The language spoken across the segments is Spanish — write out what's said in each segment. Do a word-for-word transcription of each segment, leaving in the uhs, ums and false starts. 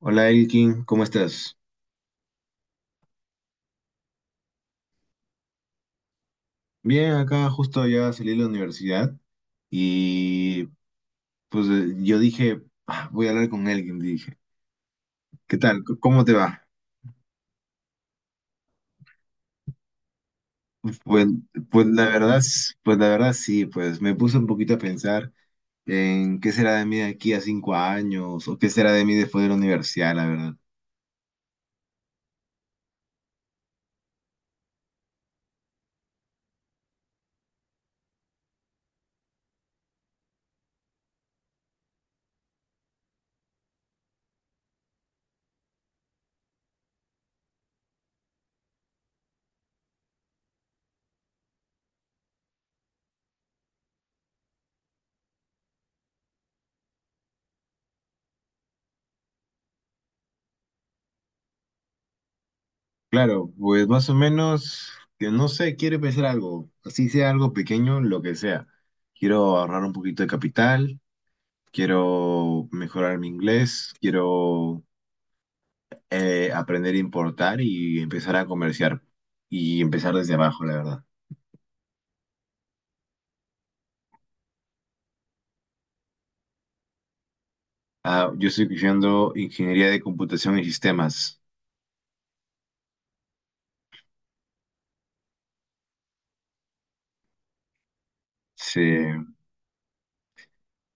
Hola Elkin, ¿cómo estás? Bien, acá justo ya salí de la universidad y pues eh, yo dije, "Ah, voy a hablar con Elkin", dije. ¿Qué tal? C- ¿Cómo te va? Pues, pues la verdad, s- pues la verdad sí, pues me puse un poquito a pensar en qué será de mí de aquí a cinco años o qué será de mí después de la universidad, la verdad. Claro, pues más o menos, que no sé, quiero empezar algo, así sea algo pequeño, lo que sea. Quiero ahorrar un poquito de capital, quiero mejorar mi inglés, quiero eh, aprender a importar y empezar a comerciar y empezar desde abajo, la verdad. Ah, yo estoy estudiando ingeniería de computación y sistemas. Sí.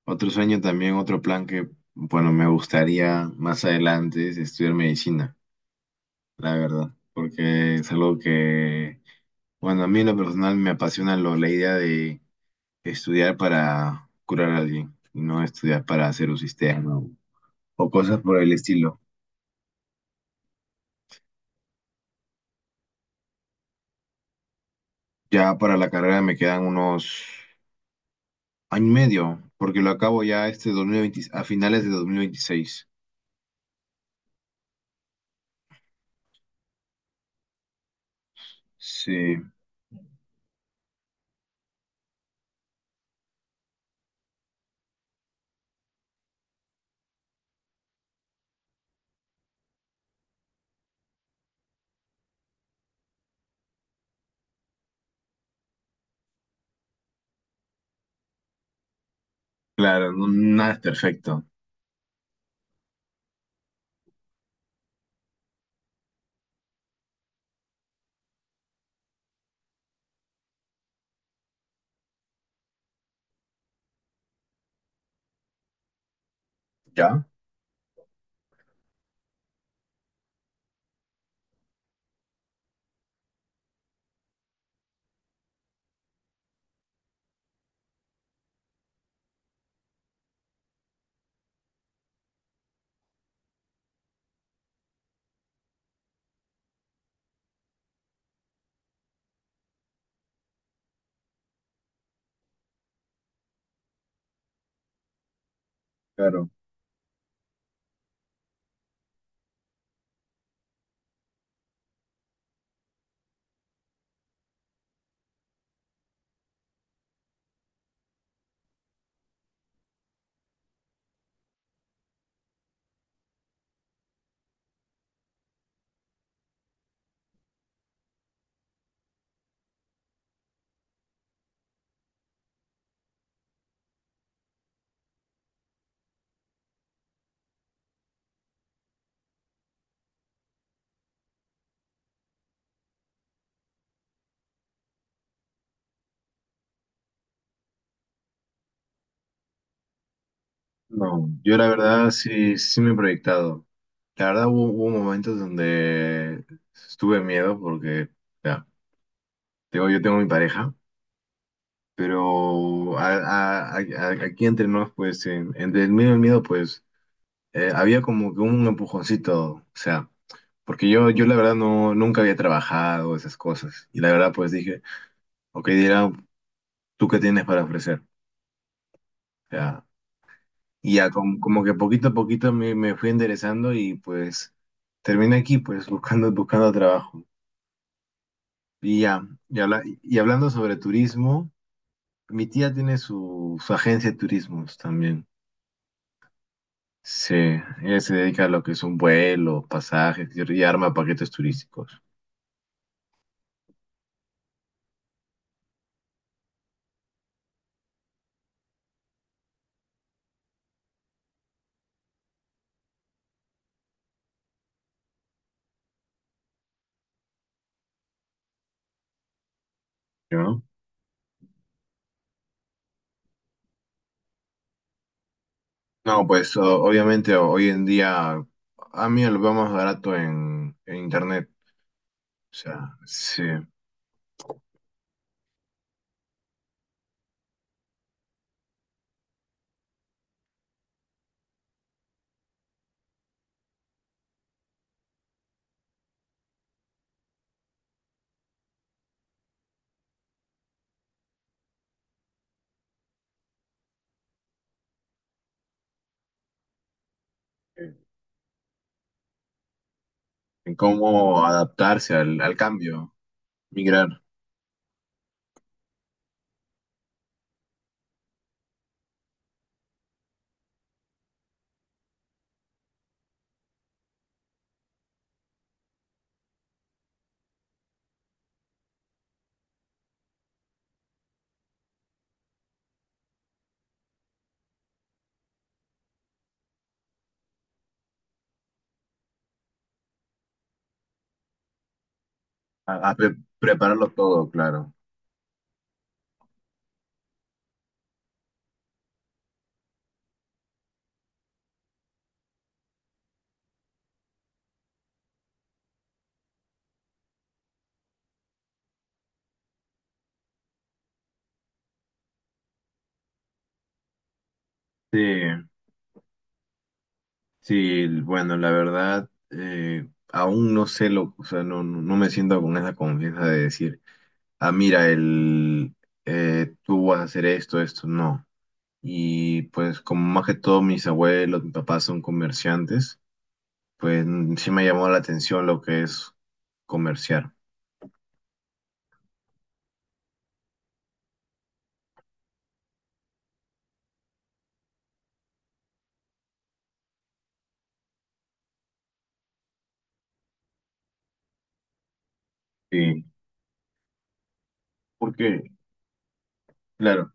Otro sueño también, otro plan que, bueno, me gustaría más adelante, es estudiar medicina, la verdad, porque es algo que, bueno, a mí en lo personal me apasiona lo- la idea de estudiar para curar a alguien, y no estudiar para hacer un sistema o cosas por el estilo. Ya para la carrera me quedan unos año y medio, porque lo acabo ya este dos mil veinte, a finales de dos mil veintiséis. Sí, claro, no- nada es perfecto. ¿Ya? Claro. No, yo la verdad sí, sí me he proyectado. La verdad hubo, hubo momentos donde estuve miedo porque, ya, tengo, yo tengo mi pareja, pero a- a- a- a- aquí entre nos, pues, en- entre el miedo y el miedo, pues, eh, había como que un empujoncito, o sea. Porque yo, yo la verdad no, nunca había trabajado esas cosas. Y la verdad pues dije, ok, dirá, ¿tú qué tienes para ofrecer? O sea, y ya com- como, que poquito a poquito me, me fui enderezando y pues terminé aquí pues buscando, buscando trabajo. Y ya, y, habla- y hablando sobre turismo, mi tía tiene su, su agencia de turismos también. Sí, ella se dedica a lo que es un vuelo, pasajes y y arma paquetes turísticos, ¿no? No, pues o- obviamente hoy en día a mí lo veo más barato en, en internet, o sea, sí, en en cómo adaptarse al, al cambio, migrar, a, a pre- prepararlo todo, claro. Sí, sí, bueno, la verdad, eh, aún no sé lo, o sea, no, no no me siento con esa confianza de decir, ah, mira, el, eh, tú vas a hacer esto, esto, no. Y pues como más que todo mis abuelos, mi papá son comerciantes. Pues sí me llamó la atención lo que es comerciar. Sí, porque, claro.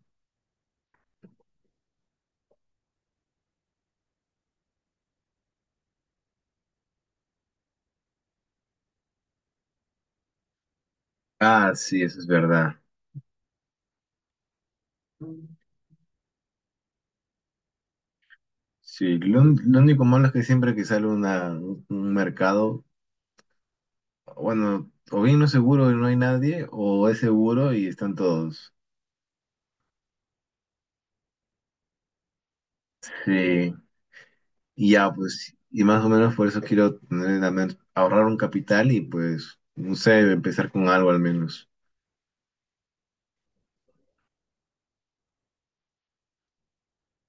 Ah, sí, eso es verdad. Sí, lo, un- lo único malo es que siempre que sale una, un un mercado, bueno, o bien no es seguro y no hay nadie, o es seguro y están todos. Sí. Y ya, pues, y más o menos por eso quiero tener la men- ahorrar un capital y pues, no sé, empezar con algo al menos.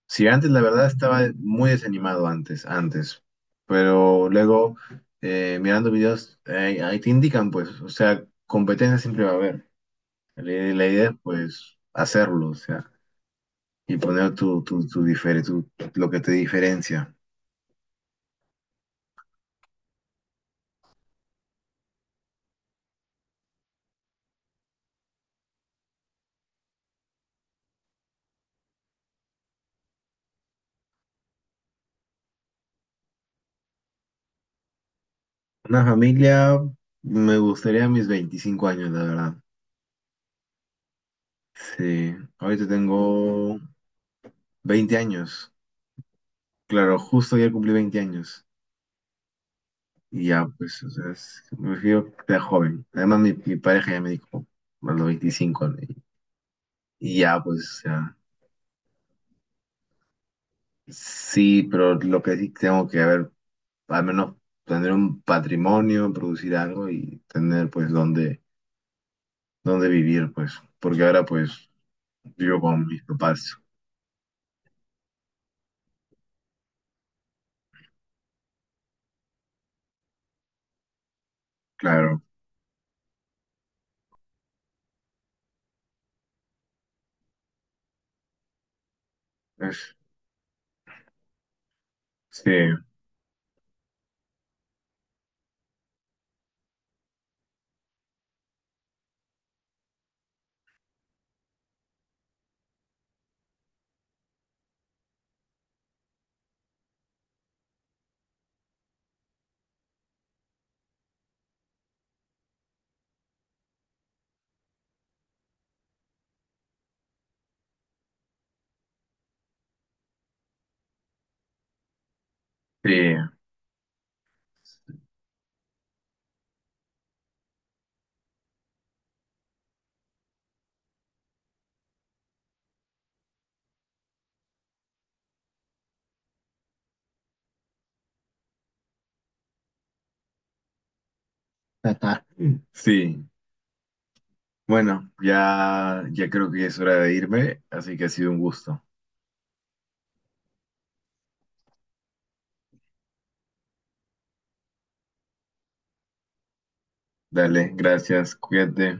Sí, antes la verdad estaba muy desanimado, antes, antes, pero luego eh, mirando videos, eh, ahí te indican pues, o sea, competencia siempre va a haber. La, la idea es pues hacerlo, o sea, y poner tu, tu, tu, difere- tu- lo que te diferencia. Una familia, me gustaría mis veinticinco años, la verdad. Sí, ahorita tengo veinte años. Claro, justo ayer cumplí veinte años. Y ya, pues, o sea, es- me refiero que era joven. Además, mi, mi pareja ya me dijo, a los veinticinco, ¿no? Y, y ya, pues, o sea, sí, pero lo que sí tengo que haber, al menos tener un patrimonio, producir algo y tener, pues, dónde, dónde vivir, pues, porque ahora, pues, vivo con mis papás, claro. Es, sí, sí. Sí. Bueno, ya, ya creo que ya es hora de irme, así que ha sido un gusto. Dale, gracias, cuídate.